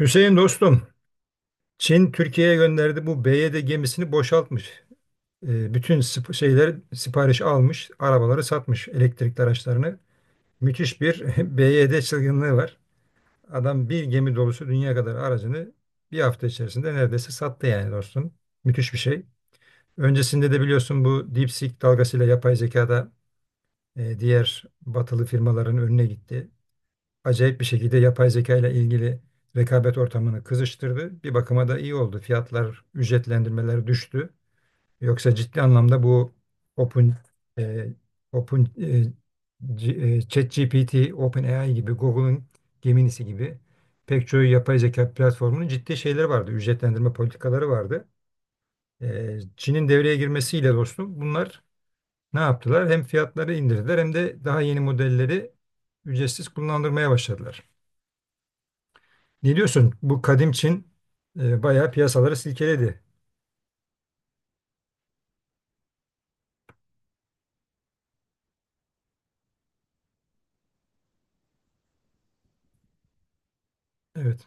Hüseyin dostum, Çin Türkiye'ye gönderdi bu BYD gemisini boşaltmış. Bütün şeyler sipariş almış, arabaları satmış, elektrikli araçlarını. Müthiş bir BYD çılgınlığı var. Adam bir gemi dolusu dünya kadar aracını bir hafta içerisinde neredeyse sattı yani dostum. Müthiş bir şey. Öncesinde de biliyorsun bu DeepSeek dalgasıyla yapay zekada diğer batılı firmaların önüne gitti. Acayip bir şekilde yapay zeka ile ilgili rekabet ortamını kızıştırdı. Bir bakıma da iyi oldu. Fiyatlar, ücretlendirmeler düştü. Yoksa ciddi anlamda bu Open e, Open e, C- e, ChatGPT, OpenAI gibi, Google'ın Gemini'si gibi pek çoğu yapay zeka platformunun ciddi şeyleri vardı. Ücretlendirme politikaları vardı. Çin'in devreye girmesiyle dostum bunlar ne yaptılar? Hem fiyatları indirdiler hem de daha yeni modelleri ücretsiz kullandırmaya başladılar. Ne diyorsun? Bu kadim Çin bayağı piyasaları silkeledi. Evet.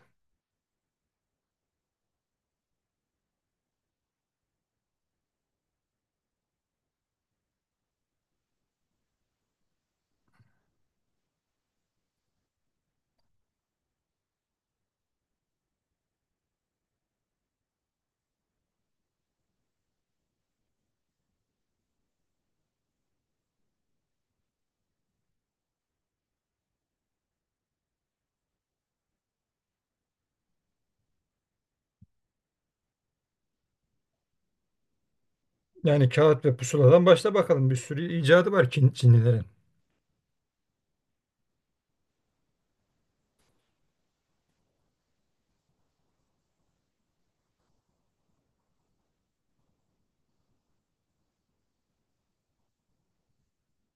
Yani kağıt ve pusuladan başla bakalım. Bir sürü icadı var Çin, Çinlilerin.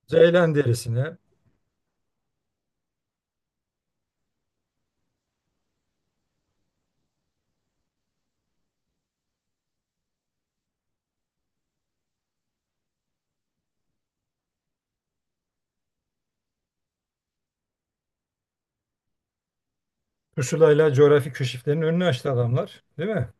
Ceylan derisine, pusulayla coğrafi keşiflerin önünü açtı adamlar, değil mi?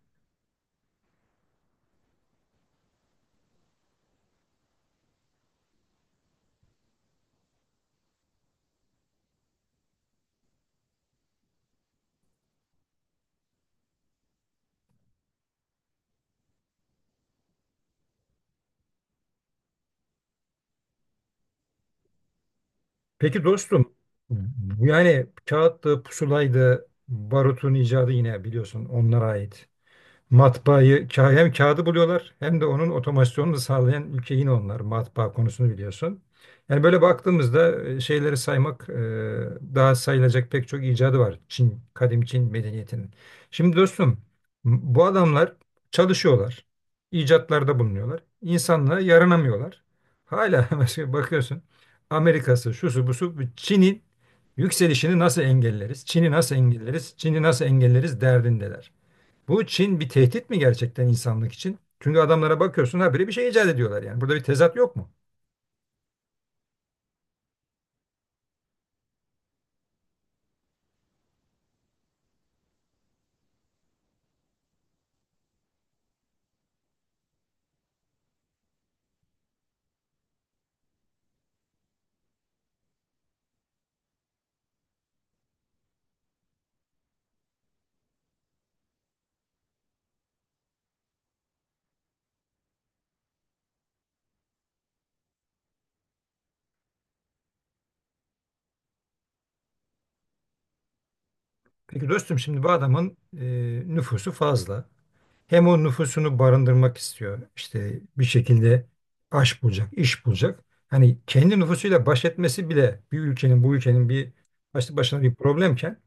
Peki dostum, bu yani kağıttı, pusulaydı, barutun icadı yine biliyorsun onlara ait. Hem kağıdı buluyorlar hem de onun otomasyonunu sağlayan ülke yine onlar, matbaa konusunu biliyorsun. Yani böyle baktığımızda şeyleri saymak, daha sayılacak pek çok icadı var Çin, kadim Çin medeniyetinin. Şimdi dostum bu adamlar çalışıyorlar, icatlarda bulunuyorlar, insanlığa yaranamıyorlar. Hala mesela bakıyorsun Amerika'sı, şusu busu bu Çin'in yükselişini nasıl engelleriz, Çin'i nasıl engelleriz, Çin'i nasıl engelleriz derdindeler. Bu Çin bir tehdit mi gerçekten insanlık için? Çünkü adamlara bakıyorsun habire bir şey icat ediyorlar yani. Burada bir tezat yok mu? Peki dostum şimdi bu adamın nüfusu fazla. Hem o nüfusunu barındırmak istiyor. İşte bir şekilde aş bulacak, iş bulacak. Hani kendi nüfusuyla baş etmesi bile bir ülkenin, bu ülkenin bir başlı başına bir problemken,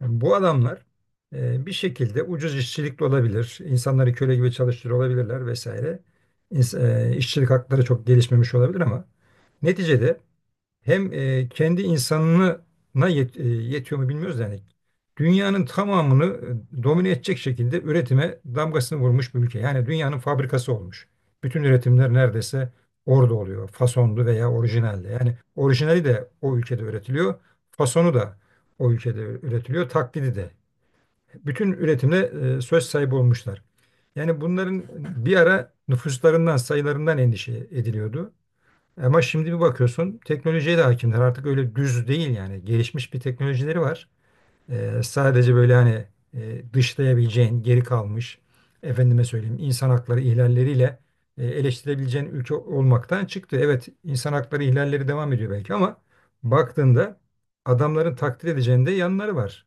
yani bu adamlar bir şekilde ucuz işçilikle olabilir, insanları köle gibi çalıştırıyor olabilirler vesaire. İns- işçilik hakları çok gelişmemiş olabilir ama neticede hem kendi insanına yetiyor mu bilmiyoruz da yani. Dünyanın tamamını domine edecek şekilde üretime damgasını vurmuş bir ülke. Yani dünyanın fabrikası olmuş. Bütün üretimler neredeyse orada oluyor. Fasonlu veya orijinalde. Yani orijinali de o ülkede üretiliyor. Fasonu da o ülkede üretiliyor. Taklidi de. Bütün üretimde söz sahibi olmuşlar. Yani bunların bir ara nüfuslarından, sayılarından endişe ediliyordu. Ama şimdi bir bakıyorsun teknolojiye de hakimler. Artık öyle düz değil yani. Gelişmiş bir teknolojileri var. Sadece böyle hani dışlayabileceğin, geri kalmış, efendime söyleyeyim insan hakları ihlalleriyle eleştirebileceğin ülke olmaktan çıktı. Evet, insan hakları ihlalleri devam ediyor belki ama baktığında adamların takdir edeceğinde yanları var.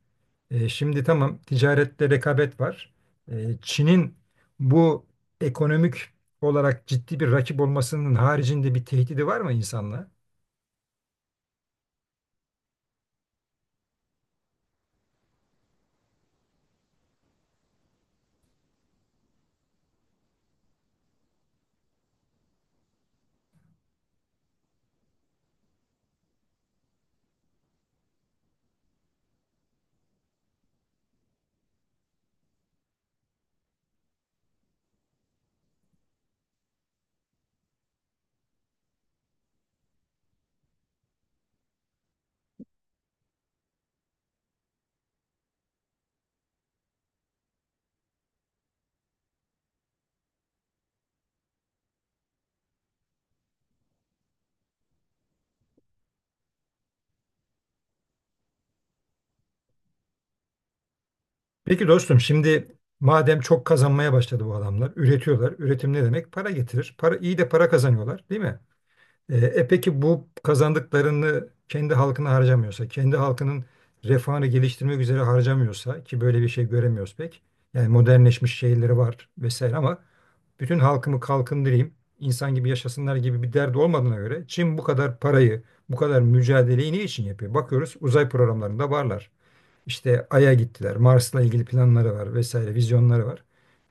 Şimdi tamam, ticarette rekabet var. Çin'in bu ekonomik olarak ciddi bir rakip olmasının haricinde bir tehdidi var mı insanlığa? Peki dostum şimdi madem çok kazanmaya başladı bu adamlar, üretiyorlar. Üretim ne demek? Para getirir. Para, iyi de para kazanıyorlar, değil mi? Peki bu kazandıklarını kendi halkına harcamıyorsa, kendi halkının refahını geliştirmek üzere harcamıyorsa ki böyle bir şey göremiyoruz pek. Yani modernleşmiş şehirleri var vesaire ama bütün halkımı kalkındırayım, insan gibi yaşasınlar gibi bir derdi olmadığına göre Çin bu kadar parayı, bu kadar mücadeleyi ne için yapıyor? Bakıyoruz, uzay programlarında varlar. İşte Ay'a gittiler. Mars'la ilgili planları var vesaire, vizyonları var.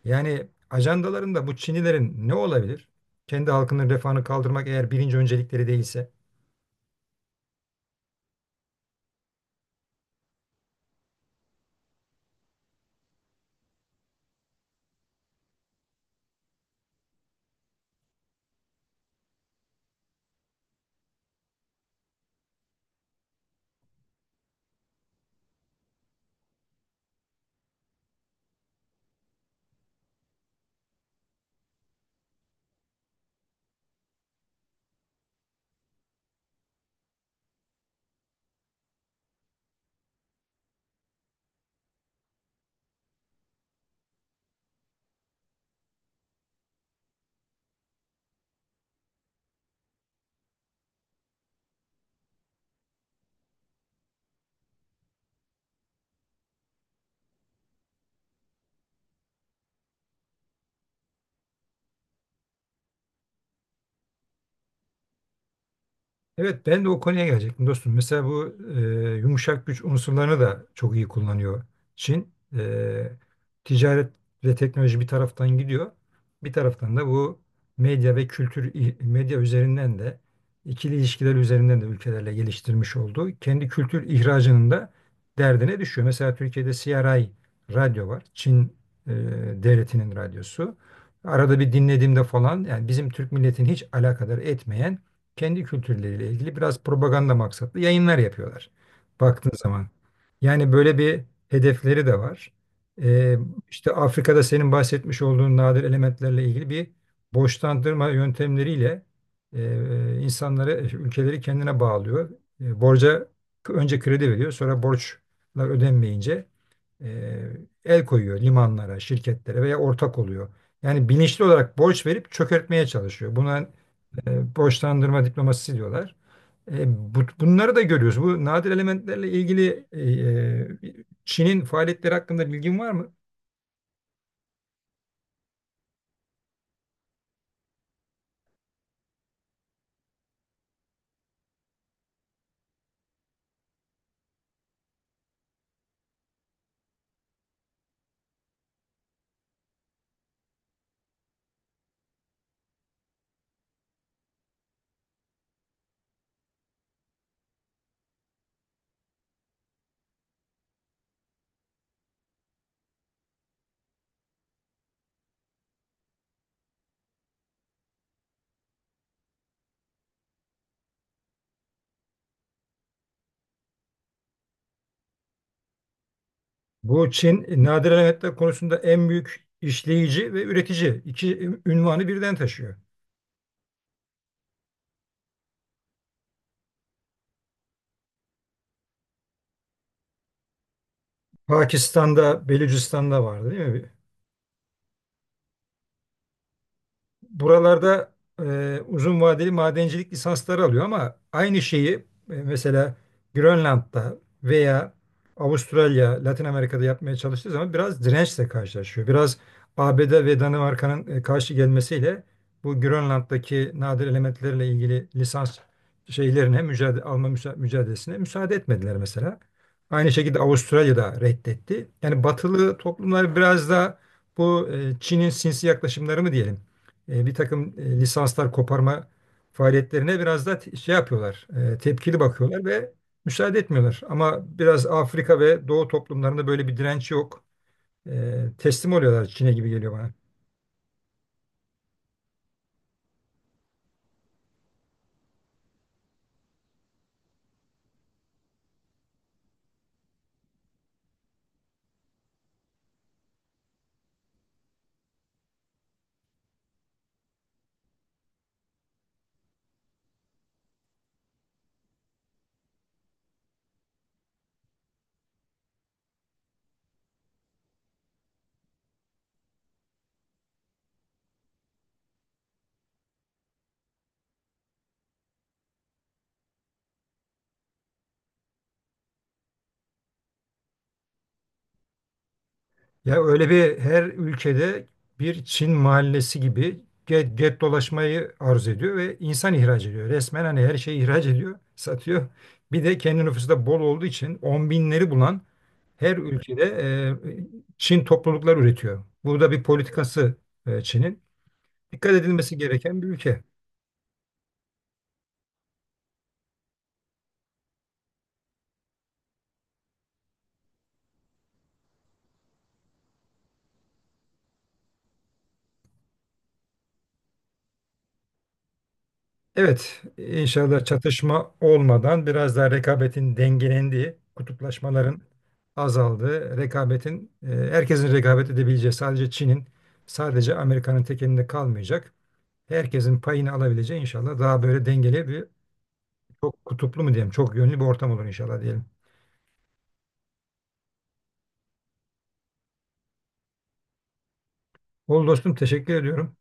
Yani ajandalarında bu Çinlilerin ne olabilir? Kendi halkının refahını kaldırmak eğer birinci öncelikleri değilse. Evet, ben de o konuya gelecektim dostum. Mesela bu yumuşak güç unsurlarını da çok iyi kullanıyor Çin. Ticaret ve teknoloji bir taraftan gidiyor. Bir taraftan da bu medya ve kültür, medya üzerinden de ikili ilişkiler üzerinden de ülkelerle geliştirmiş olduğu kendi kültür ihracının da derdine düşüyor. Mesela Türkiye'de CRI radyo var. Çin e, devletinin radyosu. Arada bir dinlediğimde falan yani bizim Türk milletini hiç alakadar etmeyen kendi kültürleriyle ilgili biraz propaganda maksatlı yayınlar yapıyorlar baktığın zaman. Yani böyle bir hedefleri de var. Ee, işte Afrika'da senin bahsetmiş olduğun nadir elementlerle ilgili bir borçlandırma yöntemleriyle insanları, ülkeleri kendine bağlıyor. Borca önce kredi veriyor, sonra borçlar ödenmeyince e, el koyuyor limanlara, şirketlere veya ortak oluyor. Yani bilinçli olarak borç verip çökertmeye çalışıyor. Buna borçlandırma diplomasisi diyorlar. Bunları da görüyoruz. Bu nadir elementlerle ilgili e, Çin'in faaliyetleri hakkında bilgin var mı? Bu Çin nadir elementler konusunda en büyük işleyici ve üretici iki ünvanı birden taşıyor. Pakistan'da, Belucistan'da vardı değil mi? Buralarda uzun vadeli madencilik lisansları alıyor ama aynı şeyi mesela Grönland'da veya Avustralya, Latin Amerika'da yapmaya çalıştığı zaman biraz dirençle karşılaşıyor. Biraz ABD ve Danimarka'nın karşı gelmesiyle bu Grönland'daki nadir elementlerle ilgili lisans şeylerine mücadelesine müsaade etmediler mesela. Aynı şekilde Avustralya da reddetti. Yani batılı toplumlar biraz da bu Çin'in sinsi yaklaşımları mı diyelim, bir takım lisanslar koparma faaliyetlerine biraz da şey yapıyorlar, tepkili bakıyorlar ve müsaade etmiyorlar. Ama biraz Afrika ve Doğu toplumlarında böyle bir direnç yok. Teslim oluyorlar Çin'e gibi geliyor bana. Ya öyle bir her ülkede bir Çin mahallesi gibi get, get dolaşmayı arzu ediyor ve insan ihraç ediyor. Resmen hani her şeyi ihraç ediyor, satıyor. Bir de kendi nüfusu da bol olduğu için on binleri bulan her ülkede Çin topluluklar üretiyor. Burada bir politikası Çin'in. Dikkat edilmesi gereken bir ülke. Evet, inşallah çatışma olmadan biraz daha rekabetin dengelendiği, kutuplaşmaların azaldığı, rekabetin herkesin rekabet edebileceği, sadece Çin'in, sadece Amerika'nın tekelinde kalmayacak. Herkesin payını alabileceği inşallah daha böyle dengeli bir çok kutuplu mu diyeyim çok yönlü bir ortam olur inşallah diyelim. Ol dostum, teşekkür ediyorum.